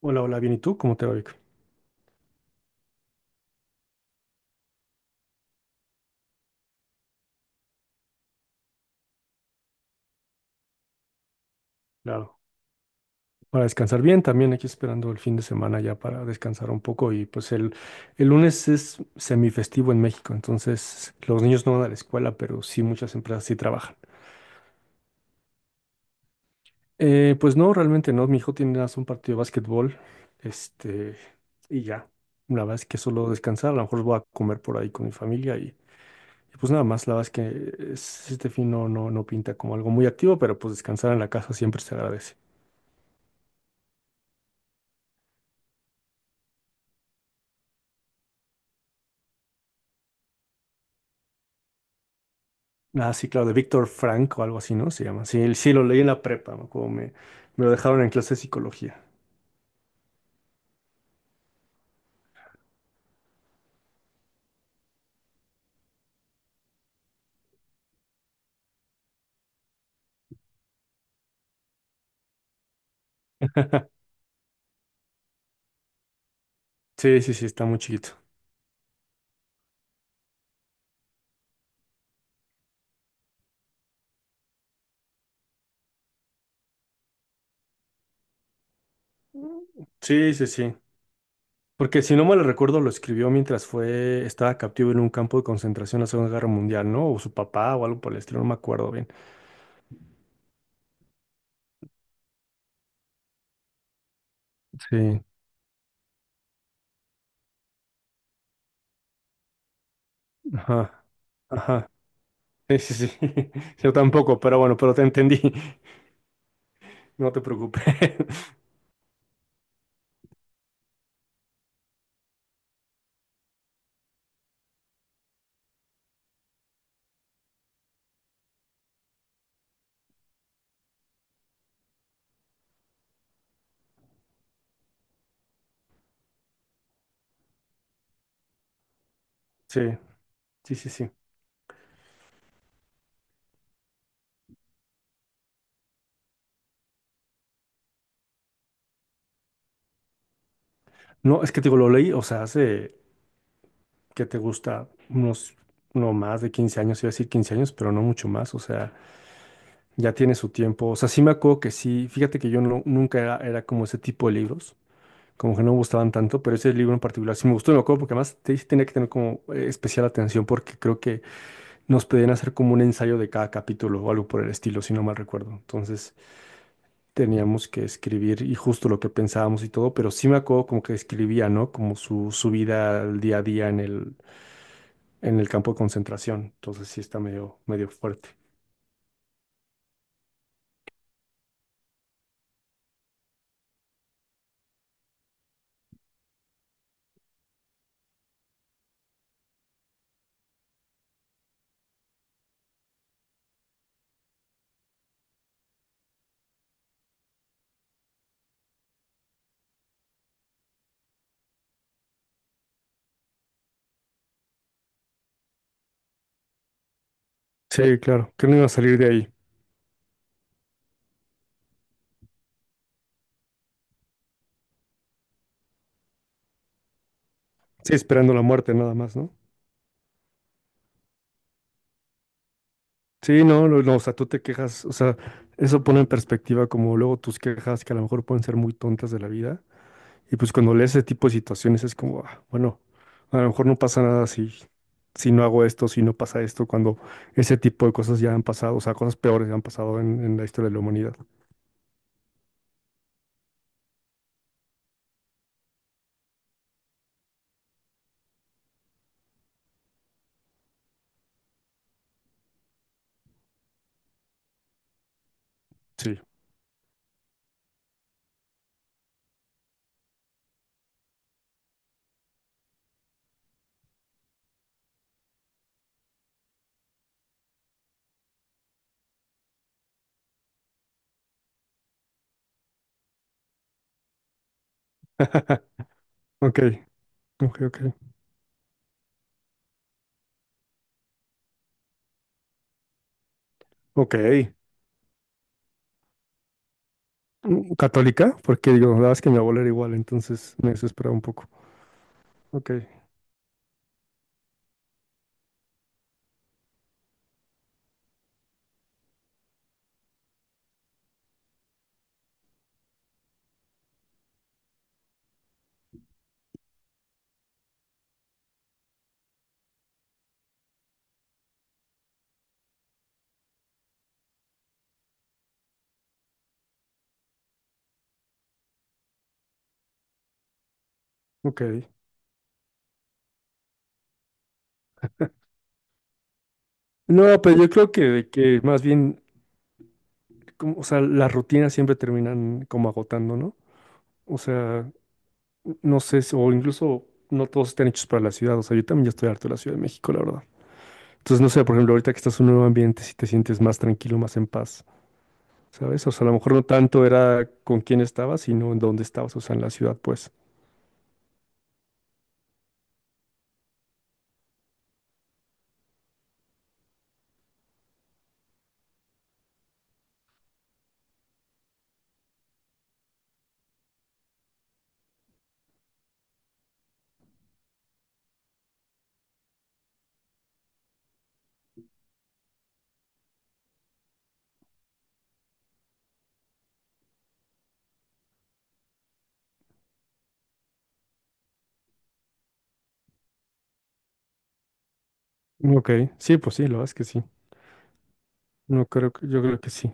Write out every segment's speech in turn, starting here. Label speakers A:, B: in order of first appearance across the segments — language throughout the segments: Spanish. A: Hola, hola, bien. ¿Y tú? ¿Cómo te va, Vic? Claro. Para descansar bien, también aquí esperando el fin de semana ya para descansar un poco. Y pues el lunes es semifestivo en México, entonces los niños no van a la escuela, pero sí muchas empresas sí trabajan. Pues no, realmente no. Mi hijo tiene nada más un partido de básquetbol, este, y ya. La verdad es que solo descansar, a lo mejor voy a comer por ahí con mi familia y pues nada más. La verdad es que este fin no pinta como algo muy activo, pero pues descansar en la casa siempre se agradece. Ah, sí, claro, de Víctor Frank o algo así, ¿no? Se llama. Sí, sí, lo leí en la prepa, ¿no?, como me lo dejaron en clase de psicología. Sí, sí, sí, está muy chiquito. Sí, sí, sí. Porque si no mal recuerdo, lo escribió mientras fue, estaba captivo en un campo de concentración en la Segunda Guerra Mundial, ¿no? O su papá o algo por el estilo, no me acuerdo bien. Sí, ajá, ajá. Sí, sí, sí. Yo tampoco, pero bueno, pero te entendí. No te preocupes. Sí, sí, sí, sí. No, es que te digo, lo leí, o sea, hace, ¿qué te gusta?, unos, no más de 15 años. Iba a decir 15 años, pero no mucho más, o sea, ya tiene su tiempo. O sea, sí me acuerdo que sí. Fíjate que yo no, nunca era como ese tipo de libros, como que no me gustaban tanto, pero ese libro en particular sí me gustó. Me acuerdo porque además tenía que tener como especial atención, porque creo que nos pedían hacer como un ensayo de cada capítulo o algo por el estilo, si no mal recuerdo. Entonces teníamos que escribir y justo lo que pensábamos y todo, pero sí me acuerdo como que escribía, ¿no? Como su su vida al día a día en el campo de concentración. Entonces sí está medio, medio fuerte. Sí, claro, que no iba a salir de ahí. Sí, esperando la muerte nada más, ¿no? Sí, no, no, no, o sea, tú te quejas. O sea, eso pone en perspectiva como luego tus quejas, que a lo mejor pueden ser muy tontas de la vida. Y pues cuando lees ese tipo de situaciones es como, ah, bueno, a lo mejor no pasa nada si si no hago esto, si no pasa esto, cuando ese tipo de cosas ya han pasado. O sea, cosas peores ya han pasado en la historia de la humanidad. Sí. Ok, ok, ok. Ok. Católica, porque digo, la verdad es que mi abuela era igual, entonces me desesperaba un poco. Ok, ok. No, pero yo creo que, de que más bien, o sea, las rutinas siempre terminan como agotando, ¿no? O sea, no sé, o incluso no todos están hechos para la ciudad. O sea, yo también ya estoy harto de la Ciudad de México, la verdad. Entonces, no sé, por ejemplo, ahorita que estás en un nuevo ambiente, si te sientes más tranquilo, más en paz, ¿sabes? O sea, a lo mejor no tanto era con quién estabas, sino en dónde estabas, o sea, en la ciudad, pues. Ok, sí, pues sí, la verdad es que sí. No creo que, yo creo que sí.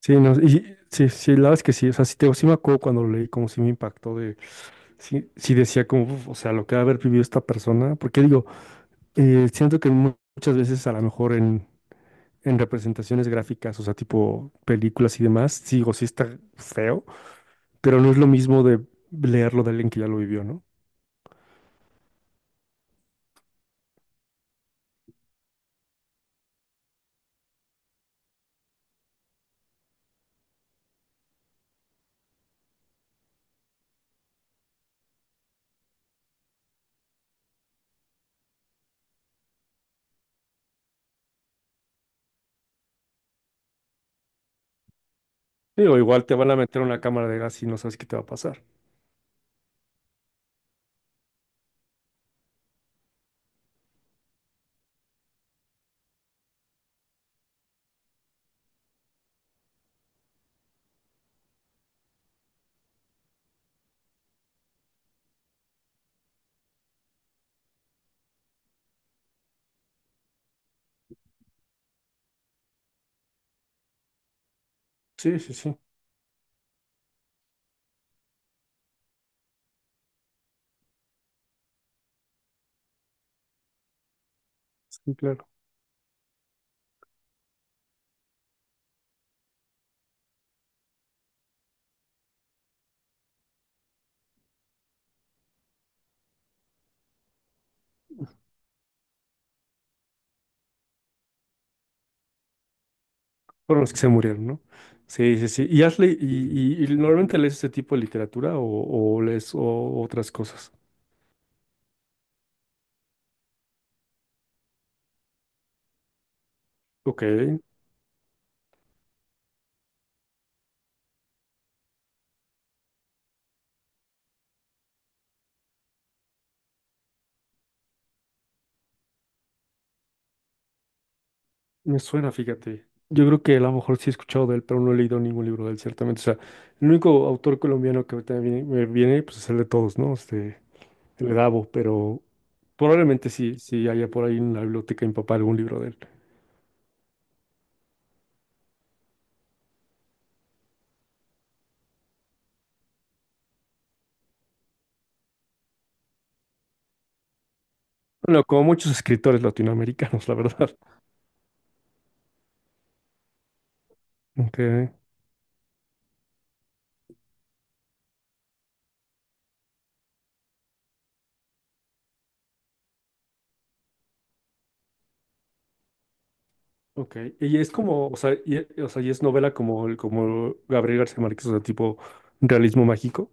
A: Sí, no, y sí, sí, la verdad es que sí. O sea, sí, sí me acuerdo cuando lo leí, como sí me impactó de, sí, sí decía como: "Uf, o sea, lo que ha de haber vivido esta persona". Porque digo, siento que muchas veces a lo mejor en, representaciones gráficas, o sea, tipo películas y demás, sí, digo, sí está feo, pero no es lo mismo de leerlo de alguien que ya lo vivió, ¿no? Digo, igual te van a meter una cámara de gas y no sabes qué te va a pasar. Sí, sí, sí, sí, claro. Por los que se murieron, ¿no? Sí, sí, sí. ¿Y has le- y normalmente lees ese tipo de literatura, o lees otras cosas? Ok, me suena, fíjate. Yo creo que a lo mejor sí he escuchado de él, pero no he leído ningún libro de él, ciertamente. O sea, el único autor colombiano que ahorita me viene, pues es el de todos, ¿no? El de Dabo, pero probablemente sí, sí haya por ahí en la biblioteca de mi papá algún libro de él. Bueno, como muchos escritores latinoamericanos, la verdad. Ok. Ok, y es como, o sea, y es novela como, como Gabriel García Márquez, o sea, tipo realismo mágico.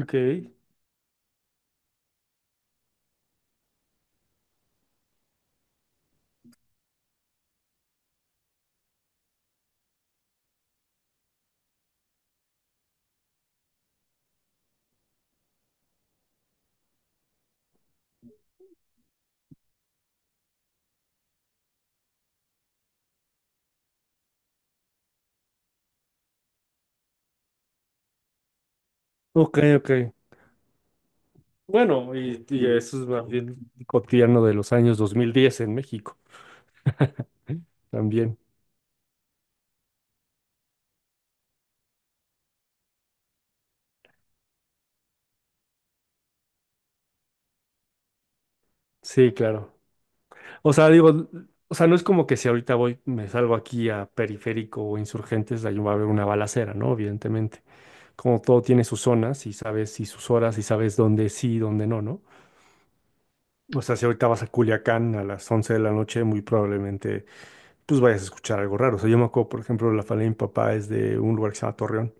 A: Ok, ok, ok. Bueno, y eso es más bien cotidiano de los años 2010 en México también. Sí, claro. O sea, digo, o sea, no es como que si ahorita voy, me salgo aquí a Periférico o Insurgentes, ahí va a haber una balacera, ¿no? Evidentemente. Como todo tiene sus zonas y sabes, y sus horas, y sabes dónde sí y dónde no, ¿no? O sea, si ahorita vas a Culiacán a las 11 de la noche, muy probablemente pues vayas a escuchar algo raro. O sea, yo me acuerdo, por ejemplo, la familia de mi papá es de un lugar que se llama Torreón,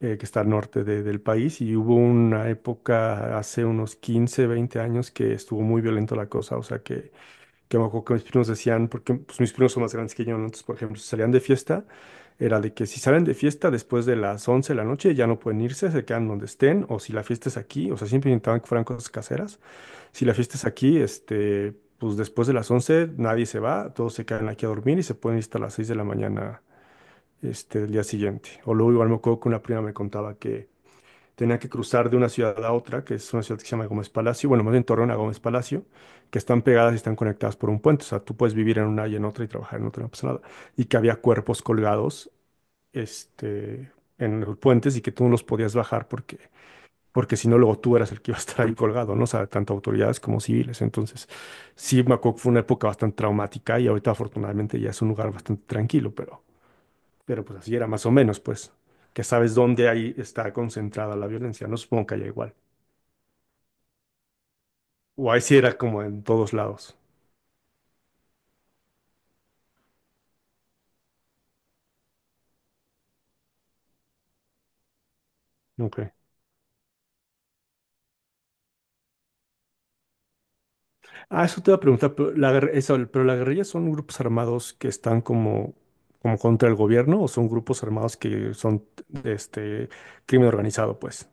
A: que está al norte del país, y hubo una época hace unos 15, 20 años que estuvo muy violento la cosa. O sea, que me acuerdo que mis primos decían, porque pues mis primos son más grandes que yo, ¿no? Entonces, por ejemplo, si salían de fiesta, era de que si salen de fiesta después de las 11 de la noche ya no pueden irse, se quedan donde estén. O si la fiesta es aquí, o sea, siempre intentaban que fueran cosas caseras. Si la fiesta es aquí, pues después de las 11 nadie se va, todos se quedan aquí a dormir y se pueden ir hasta las 6 de la mañana, del día siguiente. O luego igual me acuerdo que una prima me contaba que tenía que cruzar de una ciudad a otra, que es una ciudad que se llama Gómez Palacio. Bueno, más en Torreón a Gómez Palacio, que están pegadas y están conectadas por un puente. O sea, tú puedes vivir en una y en otra y trabajar en otra, no pasa nada. Y que había cuerpos colgados, este, en los puentes, y que tú no los podías bajar, porque porque si no, luego tú eras el que iba a estar ahí colgado, ¿no? O sea, tanto autoridades como civiles. Entonces, sí, me acuerdo que fue una época bastante traumática, y ahorita afortunadamente ya es un lugar bastante tranquilo, pero pues así era más o menos, pues, que sabes dónde ahí está concentrada la violencia, no supongo que haya igual. O ahí sí era como en todos lados. Ok. Ah, eso te iba a preguntar, pero la guerrilla, ¿son grupos armados que están como como contra el gobierno, o son grupos armados que son este crimen organizado, pues?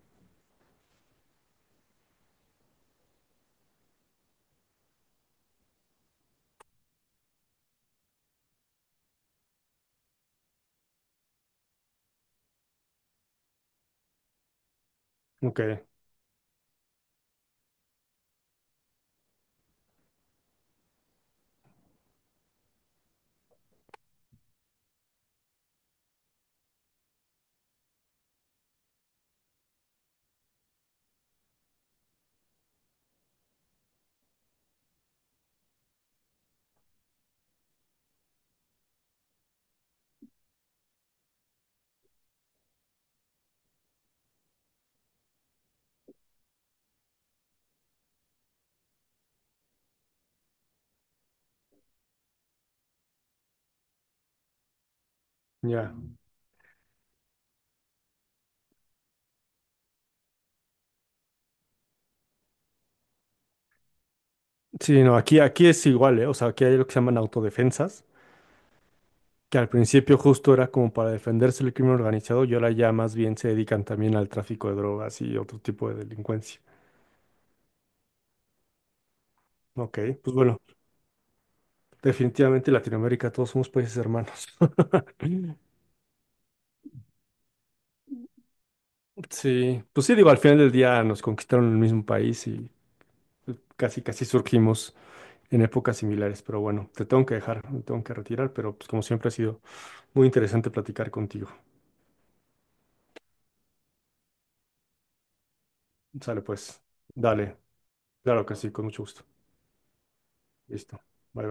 A: Ok, ya. Sí, no, aquí es igual, ¿eh? O sea, aquí hay lo que se llaman autodefensas, que al principio justo era como para defenderse del crimen organizado, y ahora ya más bien se dedican también al tráfico de drogas y otro tipo de delincuencia. Ok, pues bueno, definitivamente Latinoamérica, todos somos países hermanos. Sí, pues sí, digo, al final del día nos conquistaron el mismo país y pues casi, casi surgimos en épocas similares, pero bueno, te tengo que dejar, me tengo que retirar, pero pues como siempre, ha sido muy interesante platicar contigo. Sale pues, dale, claro que sí, con mucho gusto. Listo, bye bye.